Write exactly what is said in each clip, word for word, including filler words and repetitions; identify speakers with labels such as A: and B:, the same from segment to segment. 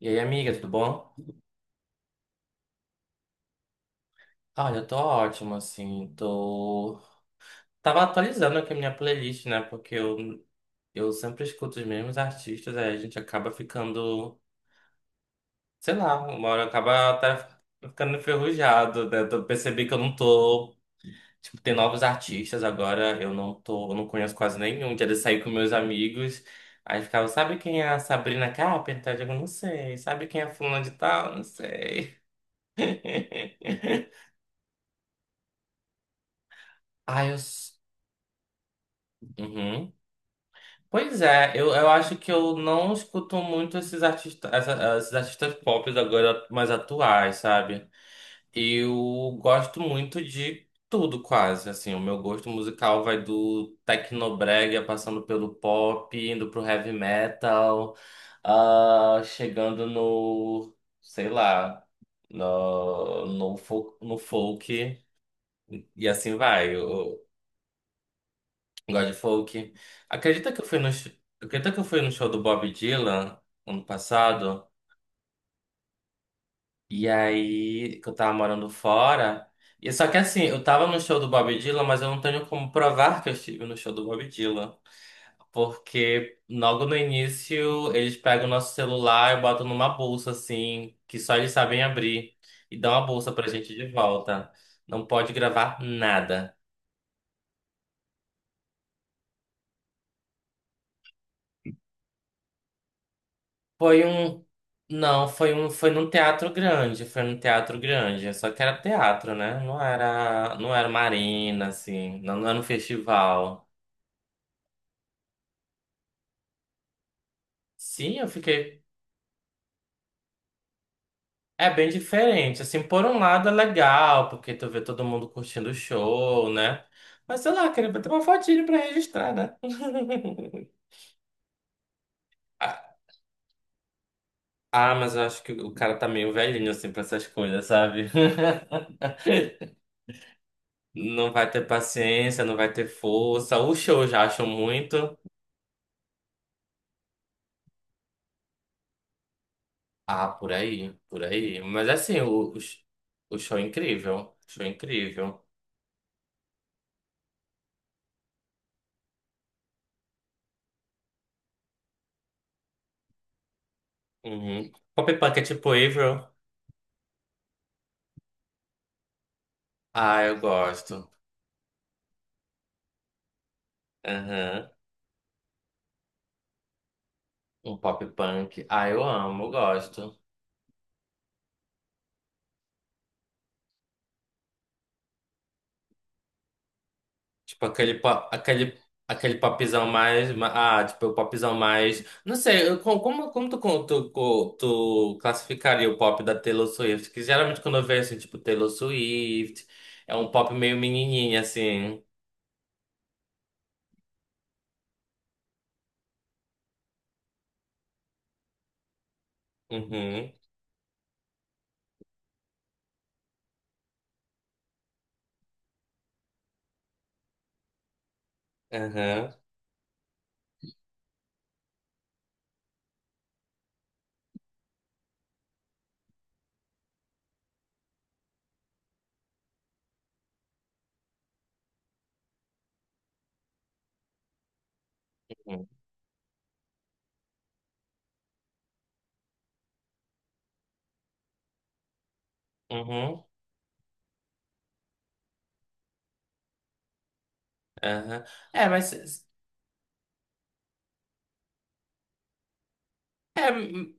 A: E aí, amiga, tudo bom? Olha, eu tô ótimo, assim, tô... Tava atualizando aqui a minha playlist, né? Porque eu, eu sempre escuto os mesmos artistas, aí a gente acaba ficando, sei lá, uma hora acaba até ficando enferrujado, né? Eu percebi que eu não tô... Tipo, tem novos artistas agora, eu não tô, eu não conheço quase nenhum. Um dia de sair com meus amigos, aí ficava, sabe quem é a Sabrina Carpenter? Eu digo, não sei. Sabe quem é fulano de tal? Não sei. Ai, eu... s- Uhum. Pois é, eu, eu acho que eu não escuto muito esses artistas, esses artistas pop agora mais atuais, sabe? Eu gosto muito de tudo quase, assim, o meu gosto musical vai do tecnobrega passando pelo pop, indo pro heavy metal, ah, chegando no, sei lá, no, no, fol- no folk, e assim vai. Gosto de folk. Acredita que eu fui no, sh- acredita que eu fui no show do Bob Dylan ano passado? E aí, que eu tava morando fora. E só que assim, eu tava no show do Bob Dylan, mas eu não tenho como provar que eu estive no show do Bob Dylan. Porque logo no início, eles pegam o nosso celular e botam numa bolsa, assim, que só eles sabem abrir. E dão a bolsa pra gente de volta. Não pode gravar nada. Foi um. Não, foi um, foi num teatro grande, foi num teatro grande. Só que era teatro, né? Não era, não era uma arena, assim, não, não era um festival. Sim, eu fiquei. É bem diferente. Assim, por um lado é legal, porque tu vê todo mundo curtindo o show, né? Mas sei lá, queria bater uma fotinho pra registrar, né? Ah, ah, mas eu acho que o cara tá meio velhinho, assim, pra essas coisas, sabe? Não vai ter paciência, não vai ter força. O show eu já acho muito. Ah, por aí, por aí. Mas assim, o, o, sh- o show é incrível. Show é incrível. Uhum. Pop punk é tipo Avril. Ah, eu gosto. Aham. Um pop punk. Ah, eu amo, eu gosto. Tipo aquele pop, aquele, aquele popzão mais. Ma- Ah, tipo o popzão mais. Não sei, eu, co- como, como tu, con- tu, co- tu classificaria o pop da Taylor Swift? Que geralmente quando eu vejo assim, tipo Taylor Swift, é um pop meio menininha, assim. Uhum, aham. Uhum, aham. É, mas. É, hum,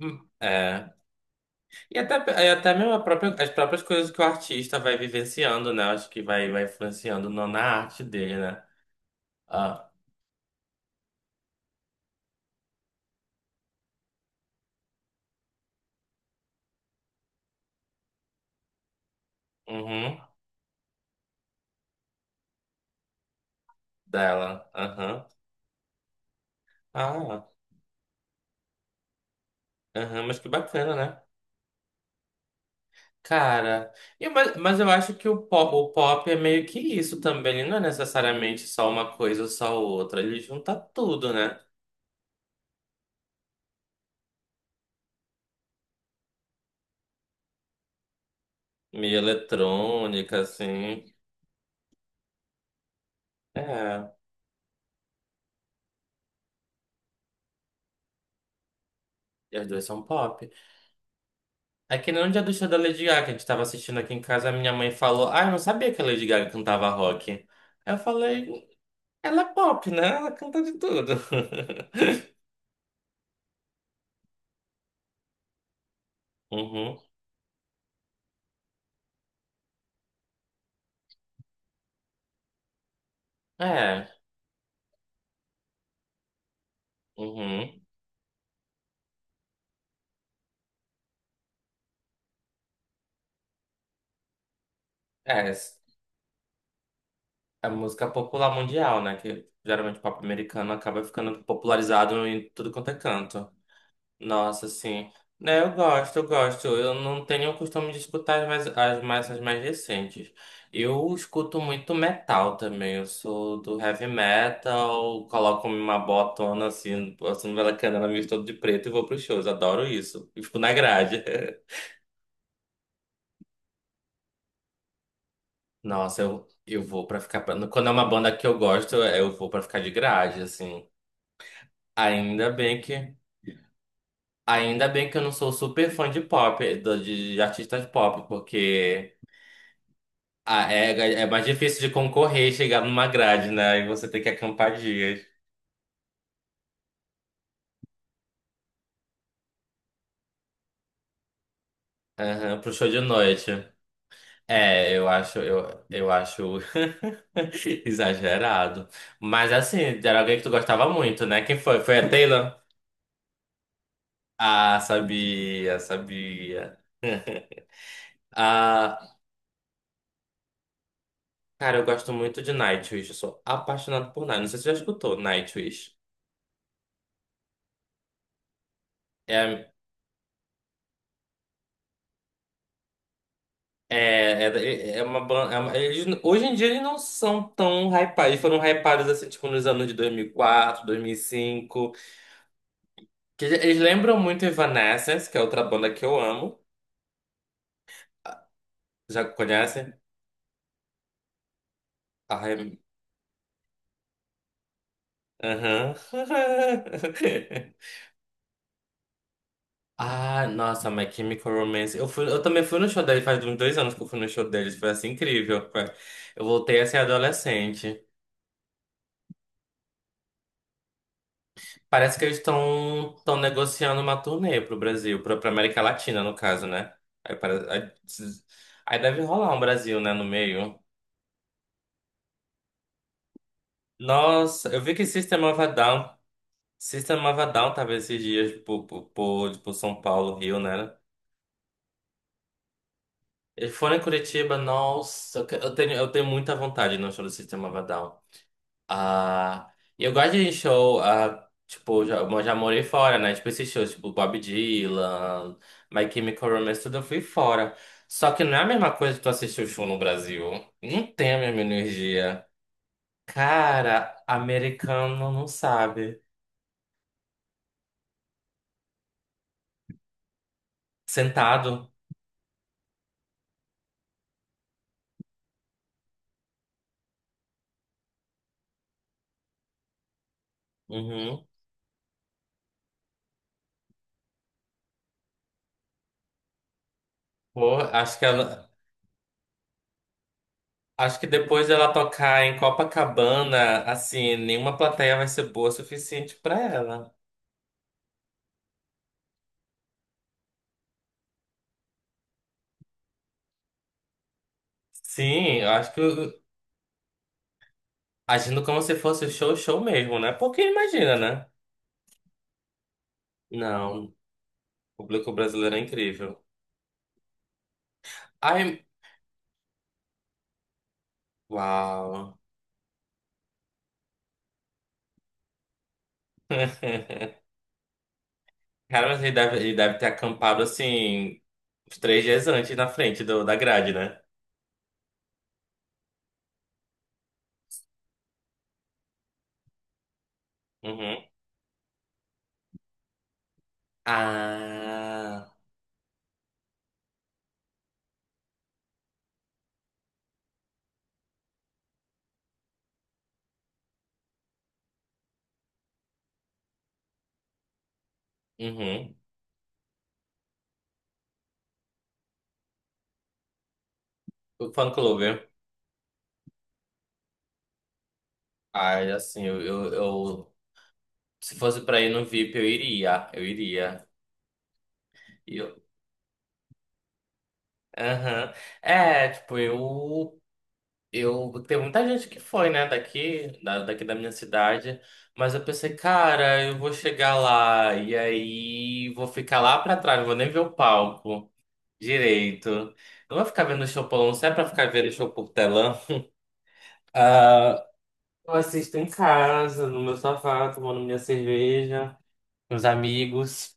A: hum, é. E até, e até mesmo a própria, as próprias coisas que o artista vai vivenciando, né? Acho que vai, vai influenciando no- na arte dele, né? Ah, uhum, dela. Aham. Ah, aham, mas que bacana, né? Cara, e, mas, mas eu acho que o pop, o pop é meio que isso também. Ele não é necessariamente só uma coisa ou só outra. Ele junta tudo, né? Meio eletrônica, assim. É, e as duas são pop. É que nem no dia do show da Lady Gaga, que a gente tava assistindo aqui em casa, a minha mãe falou: Ah, eu não sabia que a Lady Gaga cantava rock. Aí eu falei: Ela é pop, né? Ela canta de tudo. Uhum. É, uhum. É, s- a música popular mundial, né? Que geralmente o pop americano acaba ficando popularizado em tudo quanto é canto. Nossa, sim. Né, eu gosto, eu gosto. Eu não tenho o costume de escutar as mais, as mais, as mais recentes. Eu escuto muito metal também. Eu sou do heavy metal, coloco uma botona assim, passando pela canela, me todo de preto e vou pros shows. Adoro isso. E fico na grade. Nossa, eu, eu vou pra ficar. Pra- Quando é uma banda que eu gosto, é, eu vou pra ficar de grade, assim. Ainda bem que. Ainda bem que eu não sou super fã de pop, do- de de artistas pop, porque. Ah, é, é mais difícil de concorrer e chegar numa grade, né? E você tem que acampar dias. Aham, pro show de noite. É, eu acho, eu, eu acho exagerado. Mas assim, era alguém que tu gostava muito, né? Quem foi? Foi a Taylor? Ah, sabia, sabia. Ah, cara, eu gosto muito de Nightwish. Eu sou apaixonado por Nightwish. Não sei se você já escutou Nightwish. É, é, é é uma banda. é hoje em dia eles não são tão hypados. Eles foram hypados assim, tipo, nos anos de dois mil e quatro, dois mil e cinco. Que eles eles lembram muito Evanescence, que é outra banda que eu amo. Já conhecem? Ai, aham. Ah, nossa, My Chemical Romance. Eu fui, eu também fui no show deles, faz uns dois anos que eu fui no show deles. Foi assim incrível. Foi. Eu voltei a ser adolescente. Parece que eles estão estão negociando uma turnê pro Brasil, pro, pra América Latina, no caso, né? Aí, para- aí- aí deve rolar um Brasil, né, no meio. Nossa, eu vi que System of a Down, System of a Down tava esses dias por, por, por, por São Paulo, Rio, né? Eles foram em Curitiba, nossa, eu que- eu tenho, eu tenho muita vontade no show do System of a Down. Ah, e eu gosto de show, ah, tipo, já, eu já morei fora, né? Tipo, esses shows, tipo, Bob Dylan, My Chemical Romance, tudo eu fui fora. Só que não é a mesma coisa que tu assistir o show no Brasil. Não tem a mesma energia. Cara, americano não sabe. Sentado. Uhum. Pô, acho que ela, acho que depois dela tocar em Copacabana, assim, nenhuma plateia vai ser boa o suficiente pra ela. Sim, eu acho que Agindo como se fosse show, show mesmo, né? Porque imagina, né? Não, o público brasileiro é incrível. Ai, uau. Cara, mas ele deve, ele deve ter acampado assim, uns três dias antes na frente do, da grade, né? Uhum. Ah, uhum. O fã clube. Ai, assim, eu, eu, eu- se fosse pra ir no V I P, eu iria, eu iria. E Eu, aham. É, tipo, eu Eu tem muita gente que foi, né, daqui, da, daqui da minha cidade, mas eu pensei, cara, eu vou chegar lá e aí vou ficar lá pra trás, não vou nem ver o palco direito. Não vou ficar vendo o show por não é pra ficar vendo o show por telão. Ah, eu assisto em casa, no meu sofá, tomando minha cerveja, com os amigos,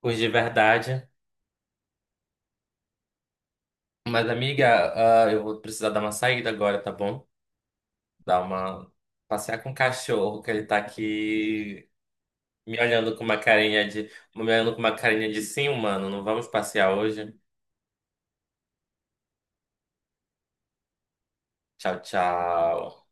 A: com os de verdade. Mas, amiga, ah, eu vou precisar dar uma saída agora, tá bom? Dar uma passear com o cachorro, que ele tá aqui me olhando com uma carinha de, me olhando com uma carinha de sim, mano, não vamos passear hoje. Tchau, tchau.